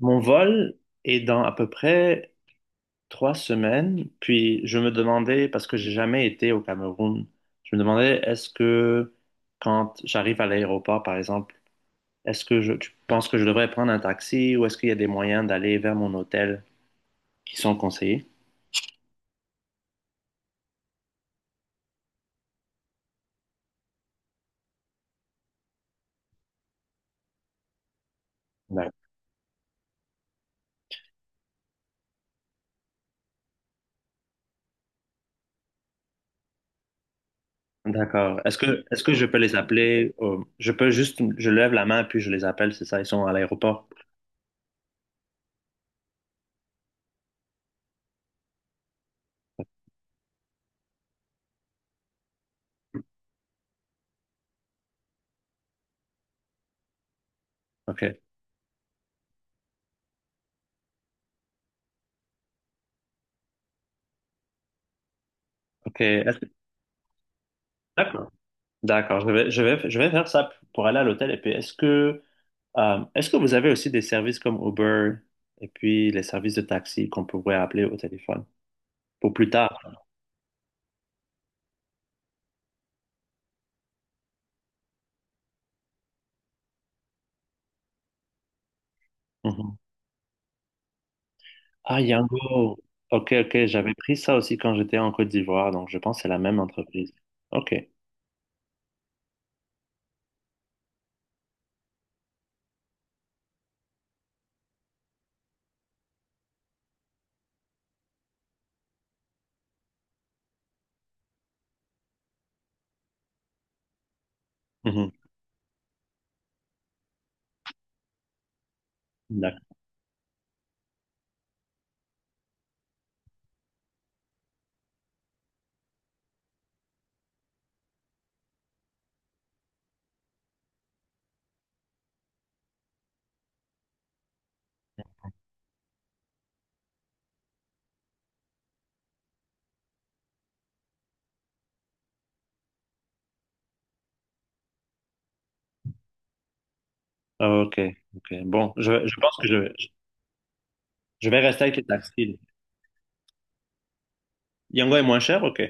Mon vol est dans à peu près trois semaines, puis je me demandais, parce que j'ai jamais été au Cameroun, je me demandais est-ce que quand j'arrive à l'aéroport, par exemple, tu penses que je devrais prendre un taxi ou est-ce qu'il y a des moyens d'aller vers mon hôtel qui sont conseillés? D'ac- D'accord. Est-ce que je peux les appeler? Je peux juste, je lève la main puis je les appelle, c'est ça, ils sont à l'aéroport. Ok. Ok. D'accord. D'accord. Je vais faire ça pour aller à l'hôtel. Et puis, est-ce que vous avez aussi des services comme Uber et puis les services de taxi qu'on pourrait appeler au téléphone pour plus tard? Mhm. Ah, Yango. Ok, ok, j'avais pris ça aussi quand j'étais en Côte d'Ivoire, donc je pense que c'est la même entreprise. Ok. Mhm. D'accord. Ok, ok. Bon, je pense que je vais rester avec les taxis. Yango est moins cher? Ok.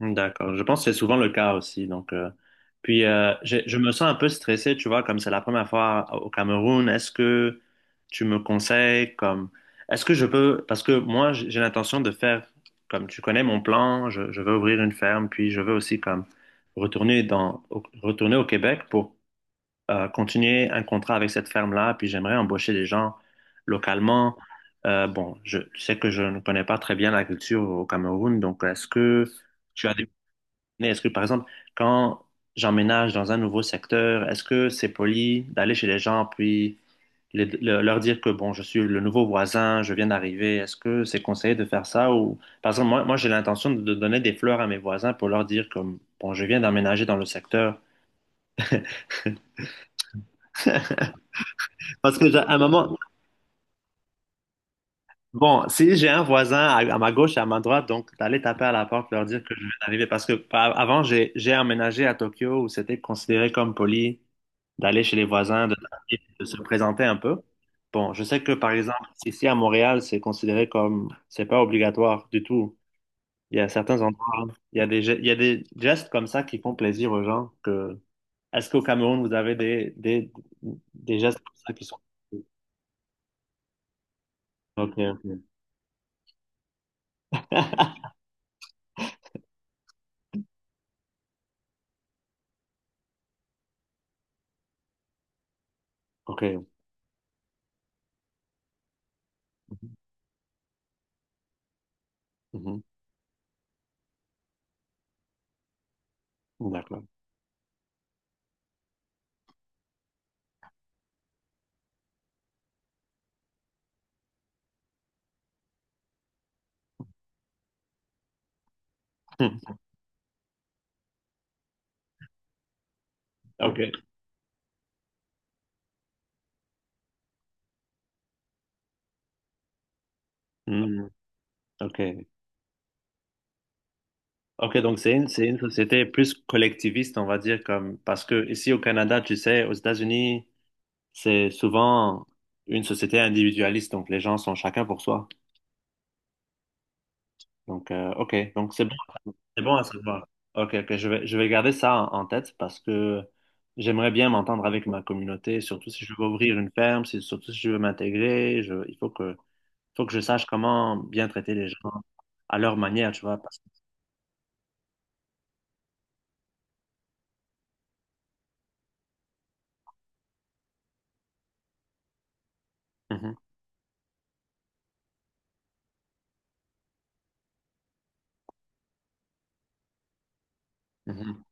D'accord, je pense que c'est souvent le cas aussi. Donc, puis je me sens un peu stressé, tu vois, comme c'est la première fois au Cameroun. Est-ce que tu me conseilles comme, est-ce que je peux, parce que moi j'ai l'intention de faire, comme tu connais mon plan, je veux ouvrir une ferme, puis je veux aussi comme retourner au Québec pour continuer un contrat avec cette ferme-là, puis j'aimerais embaucher des gens localement. Bon, je tu sais que je ne connais pas très bien la culture au Cameroun, donc est-ce que, par exemple, quand j'emménage dans un nouveau secteur, est-ce que c'est poli d'aller chez les gens puis leur dire que, bon, je suis le nouveau voisin, je viens d'arriver, est-ce que c'est conseillé de faire ça ou, par exemple, moi, moi j'ai l'intention de donner des fleurs à mes voisins pour leur dire comme, bon, je viens d'emménager dans le secteur. Parce que à un moment, bon, si j'ai un voisin à ma gauche et à ma droite, donc d'aller taper à la porte, leur dire que je viens d'arriver. Parce que avant, j'ai emménagé à Tokyo où c'était considéré comme poli d'aller chez les voisins, de, taper, de se présenter un peu. Bon, je sais que par exemple, ici à Montréal, c'est considéré comme, c'est pas obligatoire du tout. Il y a certains endroits, il y a des gestes comme ça qui font plaisir aux gens que, est-ce qu'au Cameroun, vous avez des gestes comme ça qui sont, ok, ok, ok, mhm. Mhm. D'accord. Hmm. Ok. Hmm. Ok. Ok, donc c'est une société plus collectiviste, on va dire, comme, parce que ici au Canada, tu sais, aux États-Unis, c'est souvent une société individualiste, donc les gens sont chacun pour soi. Donc, ok, donc c'est bon à savoir. Ok, ok, je vais garder ça en tête parce que j'aimerais bien m'entendre avec ma communauté, surtout si je veux ouvrir une ferme, si, surtout si je veux m'intégrer, il faut que je sache comment bien traiter les gens à leur manière, tu vois. Mhm, mhm,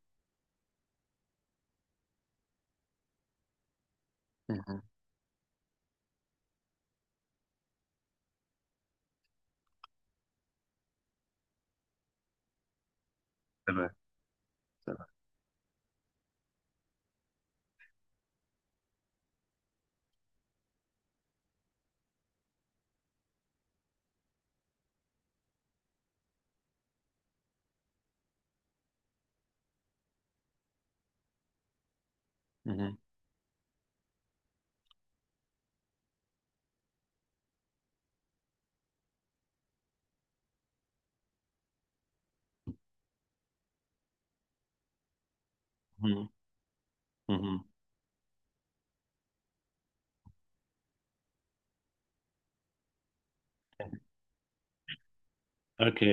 mhm. C'est vrai, c'est vrai. Mhm, mhm, mhm. Ok,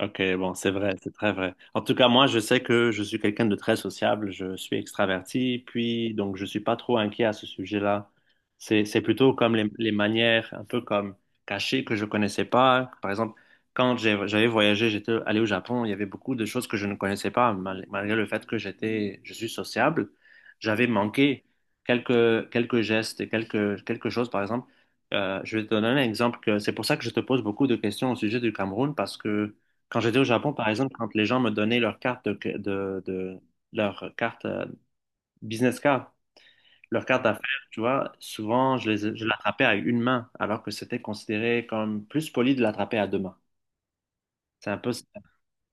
ok, bon, c'est vrai, c'est très vrai. En tout cas, moi, je sais que je suis quelqu'un de très sociable, je suis extraverti, puis donc je suis pas trop inquiet à ce sujet-là. C'est plutôt comme les manières un peu comme cachées que je connaissais pas. Par exemple, quand j'avais voyagé, j'étais allé au Japon, il y avait beaucoup de choses que je ne connaissais pas, malgré le fait que je suis sociable, j'avais manqué quelques gestes et quelques, quelque chose, par exemple. Je vais te donner un exemple que c'est pour ça que je te pose beaucoup de questions au sujet du Cameroun parce que quand j'étais au Japon, par exemple, quand les gens me donnaient leur carte de, de- leur carte business card, leur carte d'affaires, tu vois, souvent je les, je l'attrapais à une main alors que c'était considéré comme plus poli de l'attraper à deux mains. C'est un peu,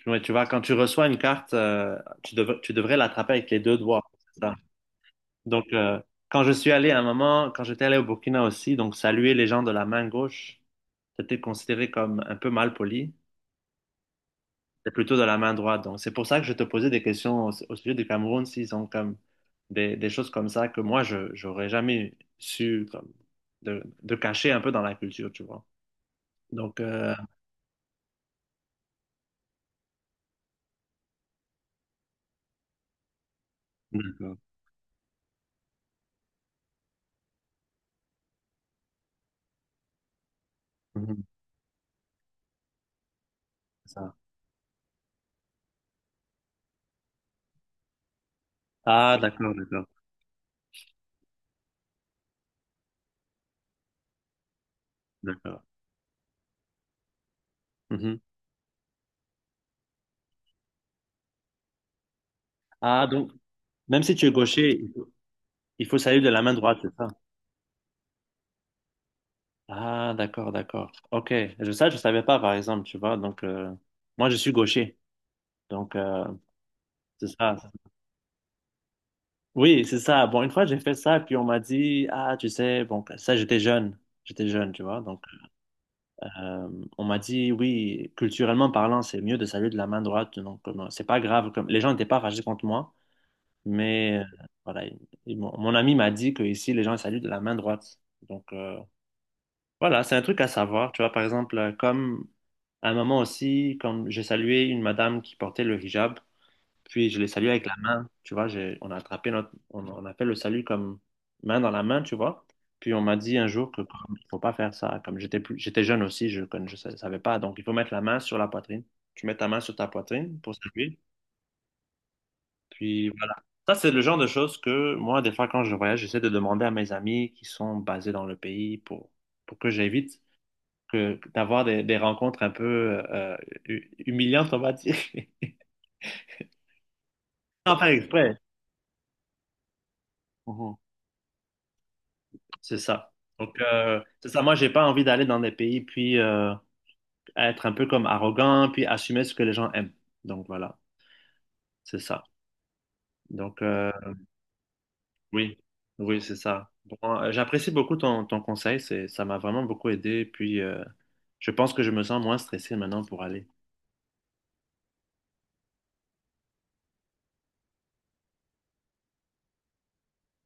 ouais, tu vois, quand tu reçois une carte, tu devrais l'attraper avec les deux doigts. C'est ça. Donc, quand je suis allé à un moment, quand j'étais allé au Burkina aussi, donc saluer les gens de la main gauche. C'était considéré comme un peu mal poli. C'est plutôt de la main droite. Donc, c'est pour ça que je te posais des questions au sujet du Cameroun, s'ils ont comme des choses comme ça que moi, je j'aurais jamais su comme, de cacher un peu dans la culture, tu vois. Donc, d'accord. Mhm. C'est ça. Ah, d'accord, d'accord, d'accord. Mhm. Ah, donc, même si tu es gaucher, il faut saluer de la main droite, c'est ça? Ah, d'accord, d'accord. Ok. Ça, je savais pas, par exemple, tu vois. Donc, moi, je suis gaucher. Donc, c'est ça. Oui, c'est ça. Bon, une fois, j'ai fait ça, puis on m'a dit, ah, tu sais, bon, ça, j'étais jeune. J'étais jeune, tu vois. Donc, euh, on m'a dit, oui, culturellement parlant, c'est mieux de saluer de la main droite. Donc, non, c'est pas grave. Comme... Les gens n'étaient pas fâchés contre moi, mais voilà. Mon ami m'a dit que ici, les gens saluent de la main droite. Donc, voilà, c'est un truc à savoir. Tu vois, par exemple, comme à un moment aussi, comme j'ai salué une madame qui portait le hijab. Puis je les salue avec la main, tu vois, on a attrapé notre, on a fait le salut comme main dans la main, tu vois. Puis on m'a dit un jour que comme, il faut pas faire ça, comme j'étais jeune aussi, savais pas, donc il faut mettre la main sur la poitrine. Tu mets ta main sur ta poitrine pour saluer, puis voilà. Ça, c'est le genre de choses que moi, des fois, quand je voyage, j'essaie de demander à mes amis qui sont basés dans le pays pour que j'évite que d'avoir des rencontres un peu euh, humiliantes, on va dire, sans faire exprès. C'est ça. Donc, c'est ça. Moi, j'ai pas envie d'aller dans des pays puis être un peu comme arrogant puis assumer ce que les gens aiment. Donc, voilà, c'est ça. Donc, oui, oui, c'est ça. Bon, j'apprécie beaucoup ton conseil. Ça m'a vraiment beaucoup aidé. Puis, je pense que je me sens moins stressé maintenant pour aller.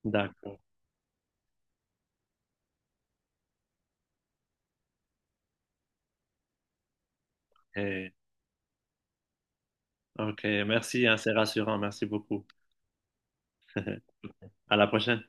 D'accord. Et- ok, merci, hein, c'est rassurant. Merci beaucoup. À la prochaine.